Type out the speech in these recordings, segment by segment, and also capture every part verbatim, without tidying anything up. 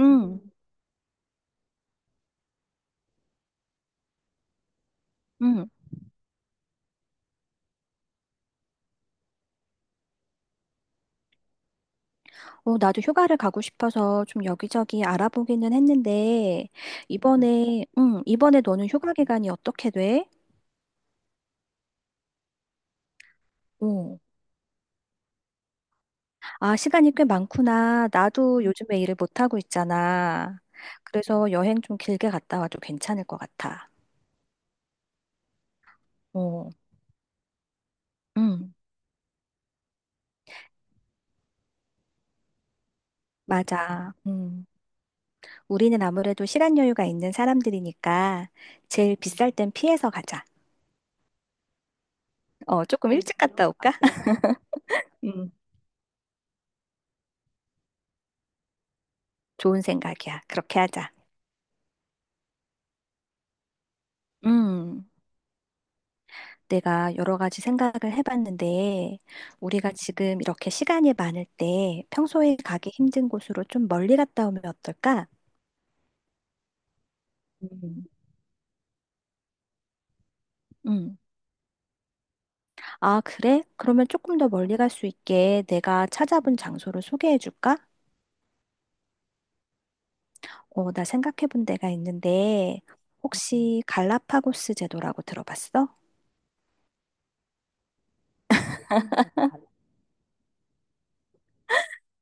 응, 응. 어, 나도 휴가를 가고 싶어서 좀 여기저기 알아보기는 했는데, 이번에, 응, 이번에 너는 휴가 기간이 어떻게 돼? 오, 아, 시간이 꽤 많구나. 나도 요즘에 일을 못하고 있잖아. 그래서 여행 좀 길게 갔다 와도 괜찮을 것 같아. 어, 응, 맞아. 응. 우리는 아무래도 시간 여유가 있는 사람들이니까 제일 비쌀 땐 피해서 가자. 어, 조금 일찍 갔다 올까? 응, 좋은 생각이야. 그렇게 하자. 음. 내가 여러 가지 생각을 해봤는데, 우리가 지금 이렇게 시간이 많을 때 평소에 가기 힘든 곳으로 좀 멀리 갔다 오면 어떨까? 음. 음. 아, 그래? 그러면 조금 더 멀리 갈 수 있게 내가 찾아본 장소를 소개해 줄까? 어, 나 생각해 본 데가 있는데, 혹시 갈라파고스 제도라고 들어봤어?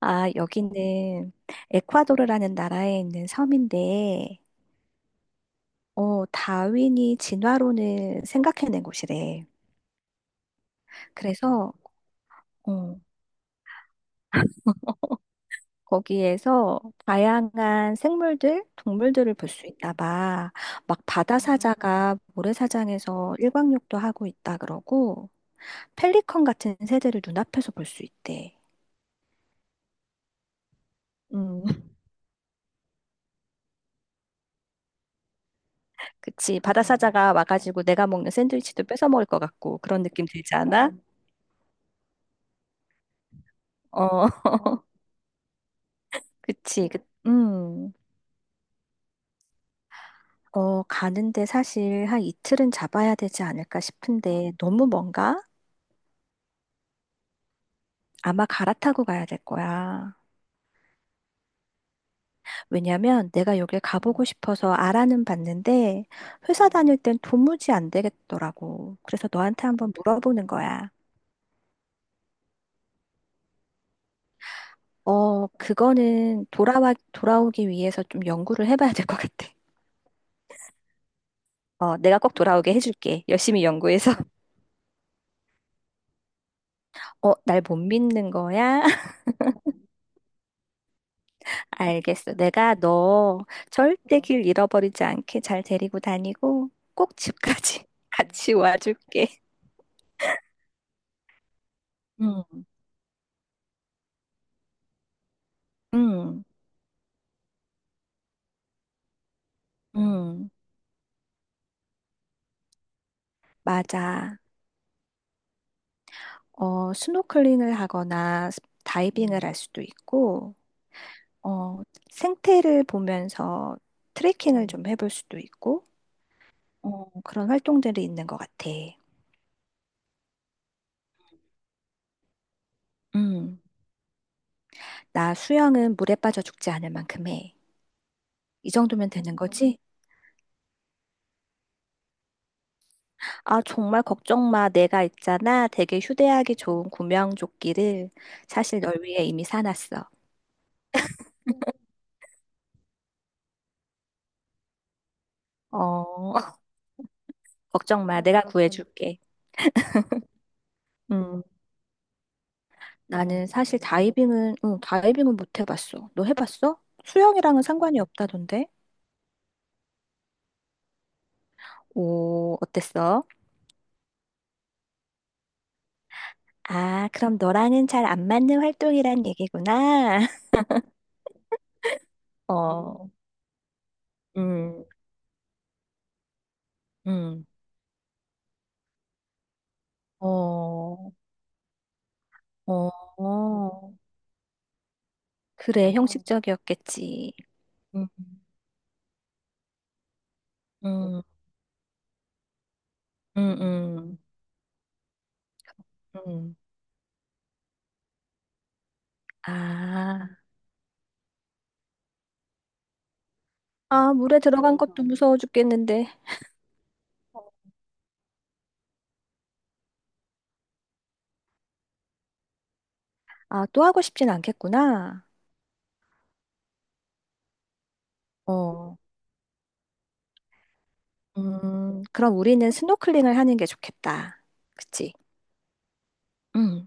아, 여기는 에콰도르라는 나라에 있는 섬인데, 어, 다윈이 진화론을 생각해낸 곳이래. 그래서 어, 거기에서 다양한 생물들, 동물들을 볼 수 있나 봐. 막 바다사자가 모래사장에서 일광욕도 하고 있다 그러고, 펠리컨 같은 새들을 눈앞에서 볼 수 있대. 음, 그치. 바다사자가 와가지고 내가 먹는 샌드위치도 뺏어 먹을 것 같고, 그런 느낌 들지 않아? 어, 그치. 그, 음. 어, 가는데 사실 한 이틀은 잡아야 되지 않을까 싶은데, 너무 먼가? 아마 갈아타고 가야 될 거야. 왜냐면 내가 여길 가보고 싶어서 알아는 봤는데 회사 다닐 땐 도무지 안 되겠더라고. 그래서 너한테 한번 물어보는 거야. 어, 그거는 돌아와, 돌아오기 위해서 좀 연구를 해봐야 될 것 같아. 어, 내가 꼭 돌아오게 해줄게. 열심히 연구해서. 어, 날 못 믿는 거야? 알겠어. 내가 너 절대 길 잃어버리지 않게 잘 데리고 다니고 꼭 집까지 같이 와줄게. 응, 응, 응. 맞아. 어, 스노클링을 하거나 스- 음, 다이빙을 할 수도 있고, 어, 생태를 보면서 트레킹을 음. 좀 해볼 수도 있고, 어, 그런 활동들이 있는 것 같아. 음, 나 수영은 물에 빠져 죽지 않을 만큼 해. 이 정도면 되는 거지? 아, 정말 걱정 마. 내가 있잖아. 되게 휴대하기 좋은 구명조끼를 사실 널 위해 이미 사놨어. 어, 걱정 마. 아, 내가 구해줄게. 음. 나는 사실 다이빙은, 응, 다이빙은 못 해봤어. 너 해봤어? 수영이랑은 상관이 없다던데? 오, 어땠어? 아, 그럼 너랑은 잘 안 맞는 활동이란 얘기구나. 어, 음, 음, 어, 어, 어. 그래, 형식적이었겠지. 음, 음, 음, 음. 음. 아, 아, 물에 들어간 것도 무서워 죽겠는데. 아, 또 하고 싶진 않겠구나. 어, 음, 그럼 우리는 스노클링을 하는 게 좋겠다. 그치? 응.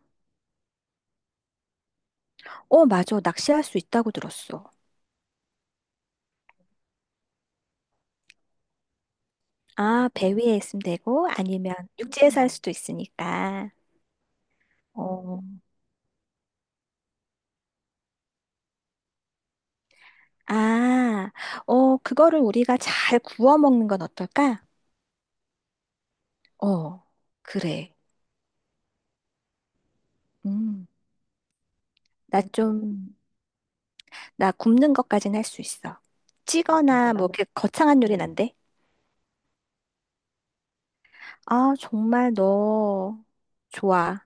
어, 맞아. 낚시할 수 있다고 들었어. 아, 배 위에 있으면 되고, 아니면 육지에서 할 음. 수도 있으니까. 어, 아, 어, 그거를 우리가 잘 구워 먹는 건 어떨까? 어, 그래. 음, 나 좀, 나 굽는 것까진 할 수 있어. 찌거나 뭐, 이렇게 거창한 요리는 안 음. 돼. 아, 정말 너, 좋아.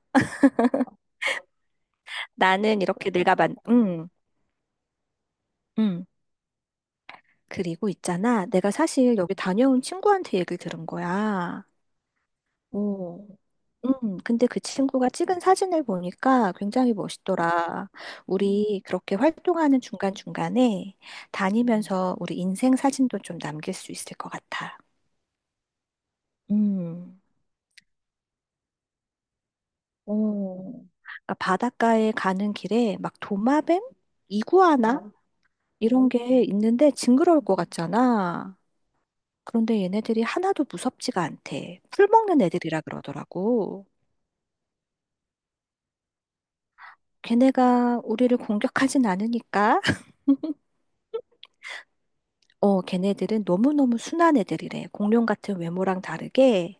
나는 이렇게 내가 만, 응, 응. 그리고 있잖아, 내가 사실 여기 다녀온 친구한테 얘기를 들은 거야. 오, 음, 근데 그 친구가 찍은 사진을 보니까 굉장히 멋있더라. 우리 그렇게 활동하는 중간중간에 음. 다니면서 우리 인생 사진도 좀 남길 수 있을 것 같아. 음. 오. 그러니까 바닷가에 가는 길에 막 도마뱀? 이구아나? 어, 이런 게 있는데 징그러울 것 같잖아. 그런데 얘네들이 하나도 무섭지가 않대. 풀 먹는 애들이라 그러더라고. 걔네가 우리를 공격하진 않으니까. 어, 걔네들은 너무너무 순한 애들이래. 공룡 같은 외모랑 다르게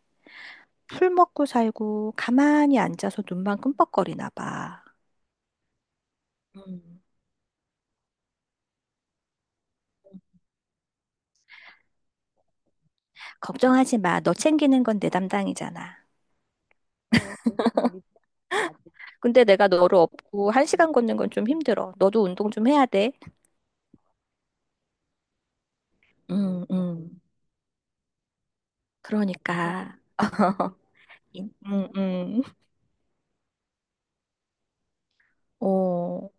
풀 먹고 살고 가만히 앉아서 눈만 끔뻑거리나 봐. 음. 걱정하지 마. 너 챙기는 건 내 담당이잖아. 근데 내가 너를 업고 한 시간 걷는 건 좀 힘들어. 너도 운동 좀 해야 돼. 음, 음. 그러니까. 음, 음. 어.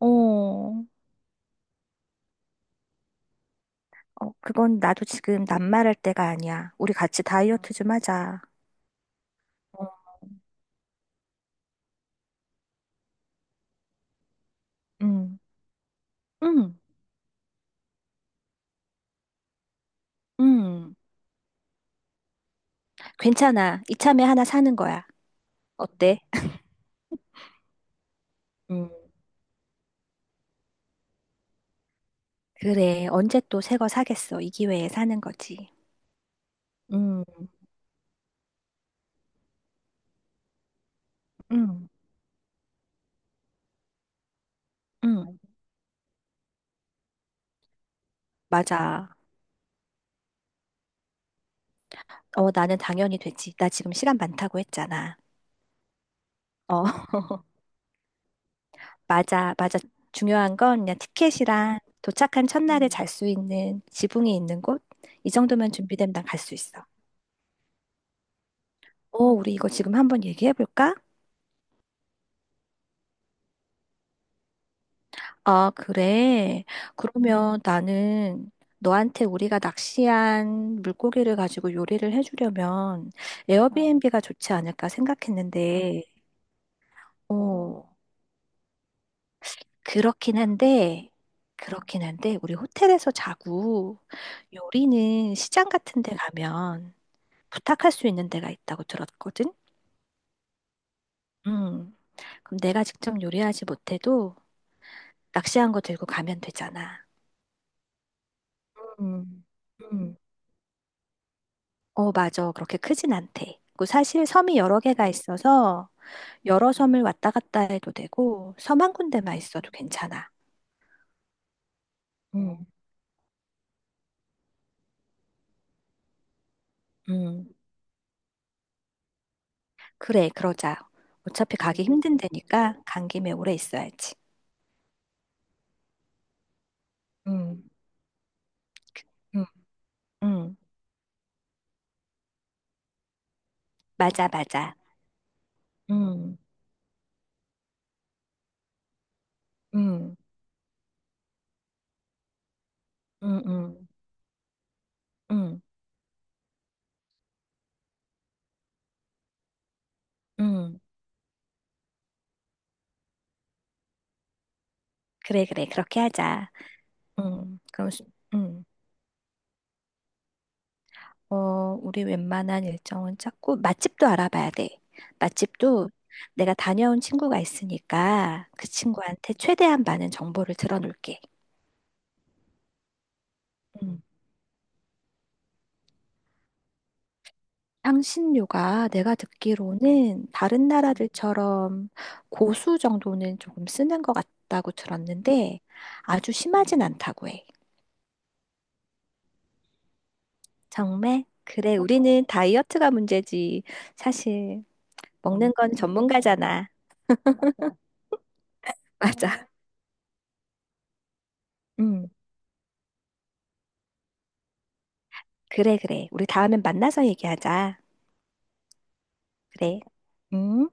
어, 어, 그건 나도 지금 낱말할 때가 아니야. 우리 같이 다이어트 좀 하자. 어, 음, 응, 응. 괜찮아. 이참에 하나 사는 거야. 어때? 음, 그래. 언제 또 새 거 사겠어. 이 기회에 사는 거지. 음, 응, 응. 맞아. 어, 나는 당연히 되지. 나 지금 시간 많다고 했잖아. 어, 맞아, 맞아. 중요한 건 그냥 티켓이랑 도착한 첫날에 음, 잘 수 있는 지붕이 있는 곳? 이 정도면 준비되면 난 갈 수 있어. 어, 우리 이거 지금 한번 얘기해 볼까? 아, 그래. 그러면 나는 너한테 우리가 낚시한 물고기를 가지고 요리를 해주려면 에어비앤비가 좋지 않을까 생각했는데, 어, 그렇긴 한데, 그렇긴 한데, 우리 호텔에서 자고 요리는 시장 같은 데 가면 부탁할 수 있는 데가 있다고 들었거든? 음, 그럼 내가 직접 요리하지 못해도 낚시한 거 들고 가면 되잖아. 음. 음. 어, 맞아. 그렇게 크진 않대. 그 사실 섬이 여러 개가 있어서 여러 섬을 왔다 갔다 해도 되고 섬 한 군데만 있어도 괜찮아. 음, 음. 그래, 그러자. 어차피 가기 힘든 데니까 간 김에 오래 있어야지. 음, 음, 음. 맞아, 맞아. 음, 음, 음, 음, 음, 음. 그래, 그래. 그렇게 하자. 음, 그럼, 수- 음. 어, 우리 웬만한 일정은 짰고, 맛집도 알아봐야 돼. 맛집도 내가 다녀온 친구가 있으니까 그 친구한테 최대한 많은 정보를 들어놓을게. 음. 향신료가 내가 듣기로는 다른 나라들처럼 고수 정도는 조금 쓰는 것 같다고 들었는데 아주 심하진 않다고 해. 정말? 그래, 우리는 다이어트가 문제지. 사실 먹는 건 전문가잖아. 맞아. 음, 그래, 그래. 우리 다음엔 만나서 얘기하자. 그래. 음.